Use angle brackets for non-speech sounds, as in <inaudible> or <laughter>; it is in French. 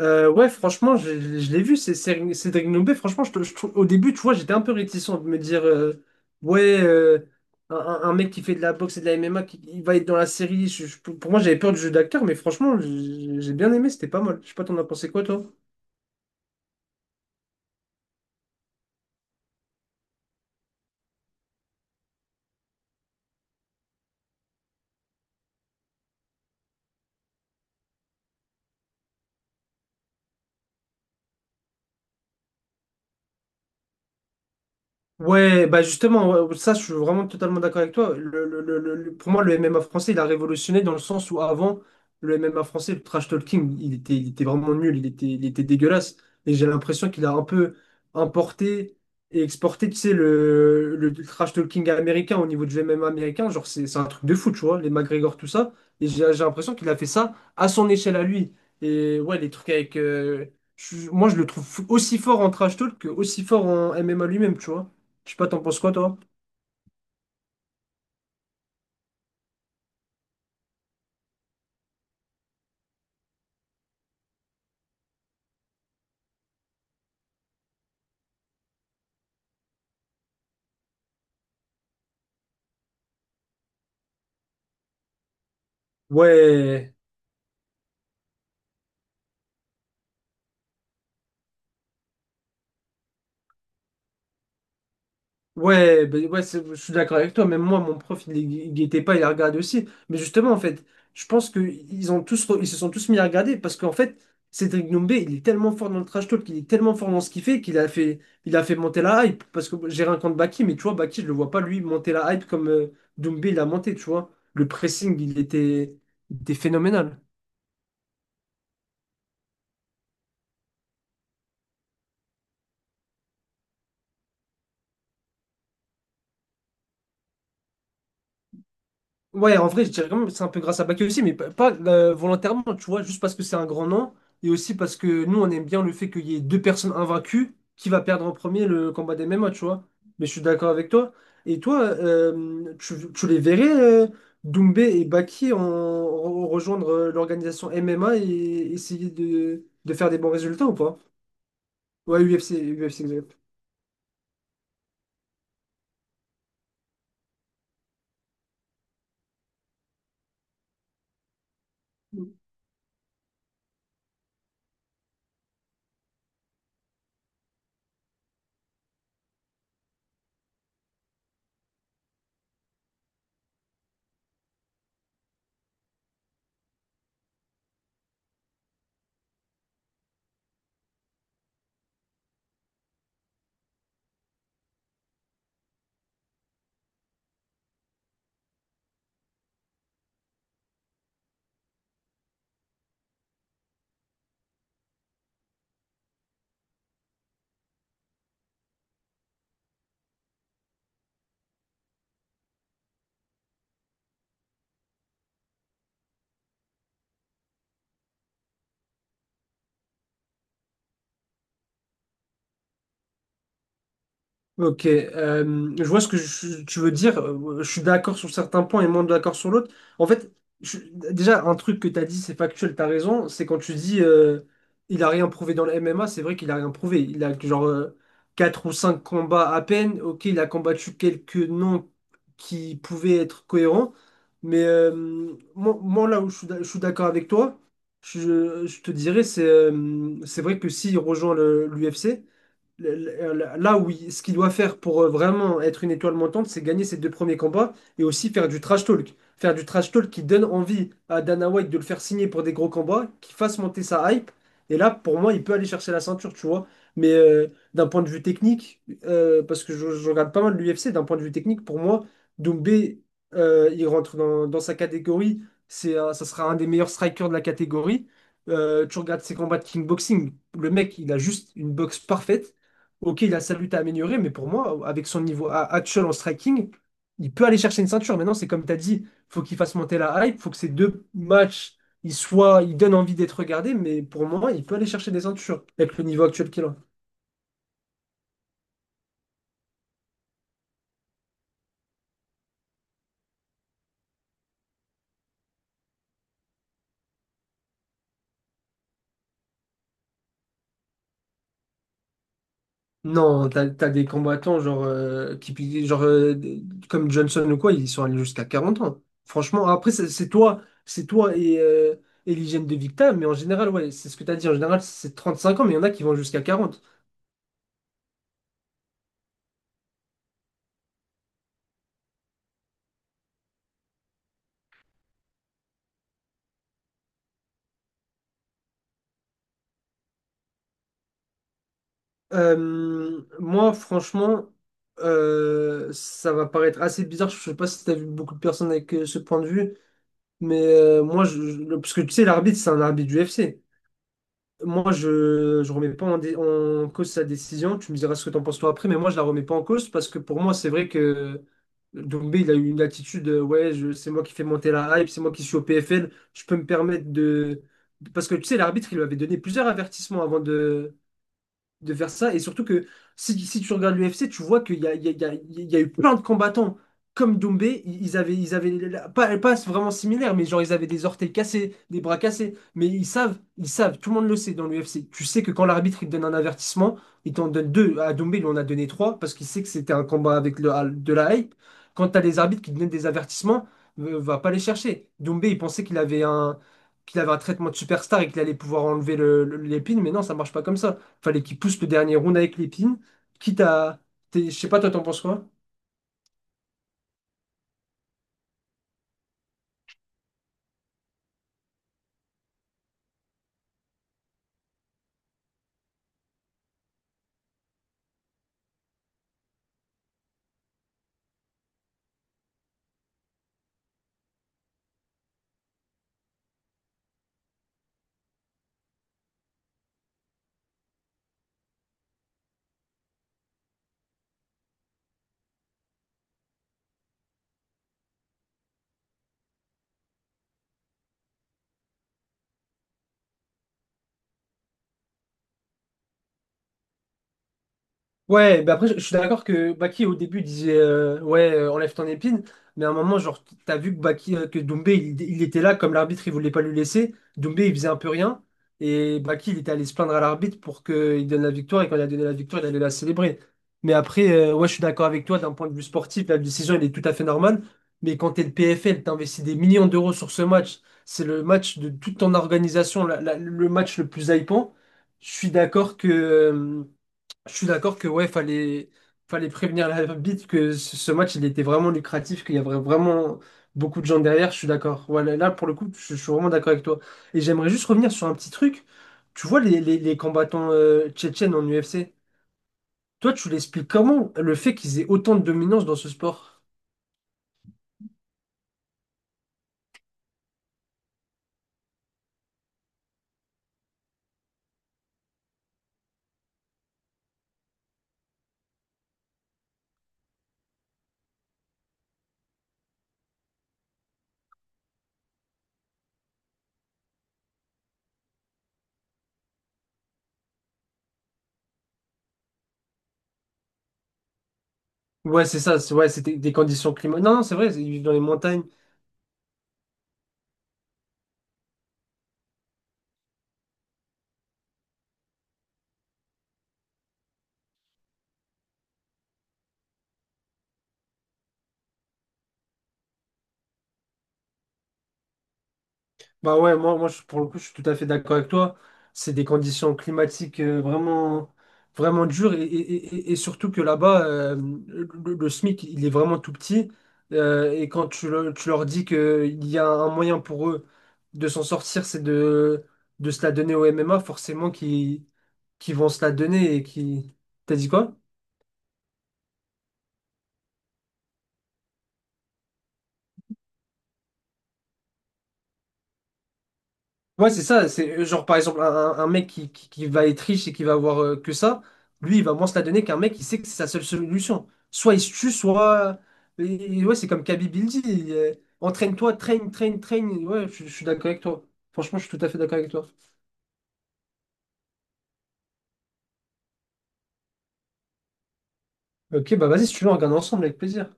Ouais, franchement, je l'ai vu, Cédric Doumbé. Franchement, au début, tu vois, j'étais un peu réticent de me dire, ouais, un mec qui fait de la boxe et de la MMA, qui, il va être dans la série. Pour moi, j'avais peur du jeu d'acteur, mais franchement, j'ai bien aimé, c'était pas mal. Je sais pas, t'en as pensé quoi, toi? Ouais, bah justement, ouais, ouais, ça, je suis vraiment totalement d'accord avec toi. Pour moi, le MMA français, il a révolutionné dans le sens où avant, le MMA français, le trash talking, il était vraiment nul, il était dégueulasse. Et j'ai l'impression qu'il a un peu importé et exporté, tu sais, le trash talking américain au niveau du MMA américain. Genre, c'est un truc de fou, tu vois, les McGregor, tout ça. Et j'ai l'impression qu'il a fait ça à son échelle à lui. Et ouais, les trucs avec. Moi, je le trouve aussi fort en trash talk que aussi fort en MMA lui-même, tu vois. Je sais pas, t'en penses quoi, toi? Ouais, ouais, ben ouais, je suis d'accord avec toi. Même moi, mon prof, il guettait pas, il la regardait aussi. Mais justement, en fait, je pense que ils ont tous, ils se sont tous mis à regarder parce qu'en fait, Cédric Doumbé, il est tellement fort dans le trash talk, il est tellement fort dans ce qu'il fait qu'il a fait monter la hype. Parce que j'ai rien contre Baki, mais tu vois, Baki, je le vois pas lui monter la hype comme Doumbé, il a monté, tu vois. Le pressing, il était phénoménal. Ouais, en vrai, je dirais quand même que c'est un peu grâce à Baké aussi, mais pas, volontairement, tu vois, juste parce que c'est un grand nom, et aussi parce que nous, on aime bien le fait qu'il y ait deux personnes invaincues, qui va perdre en premier le combat des MMA, tu vois. Mais je suis d'accord avec toi. Et toi, tu les verrais, Doumbé et Baki, rejoindre l'organisation MMA et essayer de faire des bons résultats ou pas? Ouais, UFC, UFC. Ok, je vois ce que tu veux dire. Je suis d'accord sur certains points et moins d'accord sur l'autre. En fait, je- déjà, un truc que tu as dit, c'est factuel, tu as raison. C'est quand tu dis il a rien prouvé dans le MMA, c'est vrai qu'il a rien prouvé. Il a genre quatre ou 5 combats à peine. Ok, il a combattu quelques noms qui pouvaient être cohérents. Mais moi, là où je suis d'accord avec toi, je te dirais, c'est vrai que s'il rejoint l'UFC le- ce qu'il doit faire pour vraiment être une étoile montante, c'est gagner ses deux premiers combats et aussi faire du trash talk. Faire du trash talk qui donne envie à Dana White de le faire signer pour des gros combats, qui fasse monter sa hype. Et là, pour moi, il peut aller chercher la ceinture, tu vois. Mais d'un point de vue technique, parce que je regarde pas mal l'UFC, d'un point de vue technique, pour moi, Doumbé, il rentre dans sa catégorie. C'est, ça sera un des meilleurs strikers de la catégorie. Tu regardes ses combats de kickboxing, le mec, il a juste une boxe parfaite. Ok, il a sa lutte à améliorer, mais pour moi, avec son niveau actuel en striking, il peut aller chercher une ceinture. Maintenant, c'est comme tu as dit, faut qu'il fasse monter la hype, faut que ces deux matchs, ils soient, ils donnent envie d'être regardés, mais pour moi, il peut aller chercher des ceintures avec le niveau actuel qu'il a. Non, t'as des combattants genre, qui, genre comme Johnson ou quoi, ils sont allés jusqu'à 40 ans. Franchement, après, c'est toi, c'est toi et l'hygiène de Victa, mais en général, ouais, c'est ce que t'as dit, en général, c'est 35 ans, mais il y en a qui vont jusqu'à 40. Moi, franchement, ça va paraître assez bizarre. Je sais pas si t'as vu beaucoup de personnes avec ce point de vue, mais moi, parce que tu sais, l'arbitre, c'est un arbitre du FC. Moi, je remets pas en cause sa décision. Tu me diras ce que t'en penses toi après, mais moi, je la remets pas en cause parce que pour moi, c'est vrai que Doumbé, il a eu une attitude, ouais, c'est moi qui fais monter la hype, c'est moi qui suis au PFL, je peux me permettre de, parce que tu sais, l'arbitre, il lui avait donné plusieurs avertissements avant de faire ça. Et surtout que si tu regardes l'UFC, tu vois qu'il y a, il y a- il y a- il y a eu plein de combattants comme Dombé. Ils avaient pas vraiment similaire, mais genre ils avaient des orteils cassés, des bras cassés. Mais ils savent, tout le monde le sait dans l'UFC. Tu sais que quand l'arbitre il te donne un avertissement, il t'en donne deux. À Dombé, il en a donné trois parce qu'il sait que c'était un combat avec de la hype. Quand tu as des arbitres qui te donnent des avertissements, va pas les chercher. Dombé, il pensait qu'il avait un traitement de superstar et qu'il allait pouvoir enlever l'épine, mais non, ça marche pas comme ça fallait qu'il pousse le dernier round avec l'épine, quitte à. T'es- Je sais pas, toi, t'en penses quoi? Ouais, bah après, je suis d'accord que Baki, au début, disait ouais, enlève ton épine. Mais à un moment, genre, t'as vu que Doumbé, il, était là, comme l'arbitre, il voulait pas lui laisser. Doumbé, il faisait un peu rien. Et Baki, il était allé se plaindre à l'arbitre pour qu'il donne la victoire. Et quand il a donné la victoire, il allait la célébrer. Mais après, ouais, je suis d'accord avec toi, d'un point de vue sportif, la décision, elle est tout à fait normale. Mais quand t'es le PFL, t'investis des millions d'euros sur ce match. C'est le match de toute ton organisation, le match le plus hypant. Je suis d'accord que. euh, je suis d'accord que ouais, fallait prévenir l'arbitre <laughs> que ce match il était vraiment lucratif, qu'il y avait vraiment beaucoup de gens derrière, je suis d'accord. Ouais, là, là, pour le coup, je suis vraiment d'accord avec toi. Et j'aimerais juste revenir sur un petit truc. Tu vois les, les combattants tchétchènes en UFC, toi tu l'expliques comment le fait qu'ils aient autant de dominance dans ce sport? Ouais, c'est ça, ouais, c'était des conditions climatiques. Non, non, c'est vrai, ils vivent dans les montagnes. Bah ouais, moi pour le coup, je suis tout à fait d'accord avec toi. C'est des conditions climatiques vraiment, vraiment dures et surtout que là-bas, le SMIC, il est vraiment tout petit. Et quand tu leur dis qu'il y a un moyen pour eux de s'en sortir, c'est de se la donner au MMA, forcément qu'ils vont se la donner et qui. T'as dit quoi? Ouais, c'est ça. C'est genre, par exemple, un mec qui va être riche et qui va avoir que ça, lui, il va moins se la donner qu'un mec qui sait que c'est sa seule solution. Soit il se tue, soit. Ouais, c'est comme Kaby Bildy. Entraîne-toi, train, train, train. Ouais, je suis d'accord avec toi. Franchement, je suis tout à fait d'accord avec toi. Ok, bah vas-y, si tu veux, on regarde ensemble avec plaisir.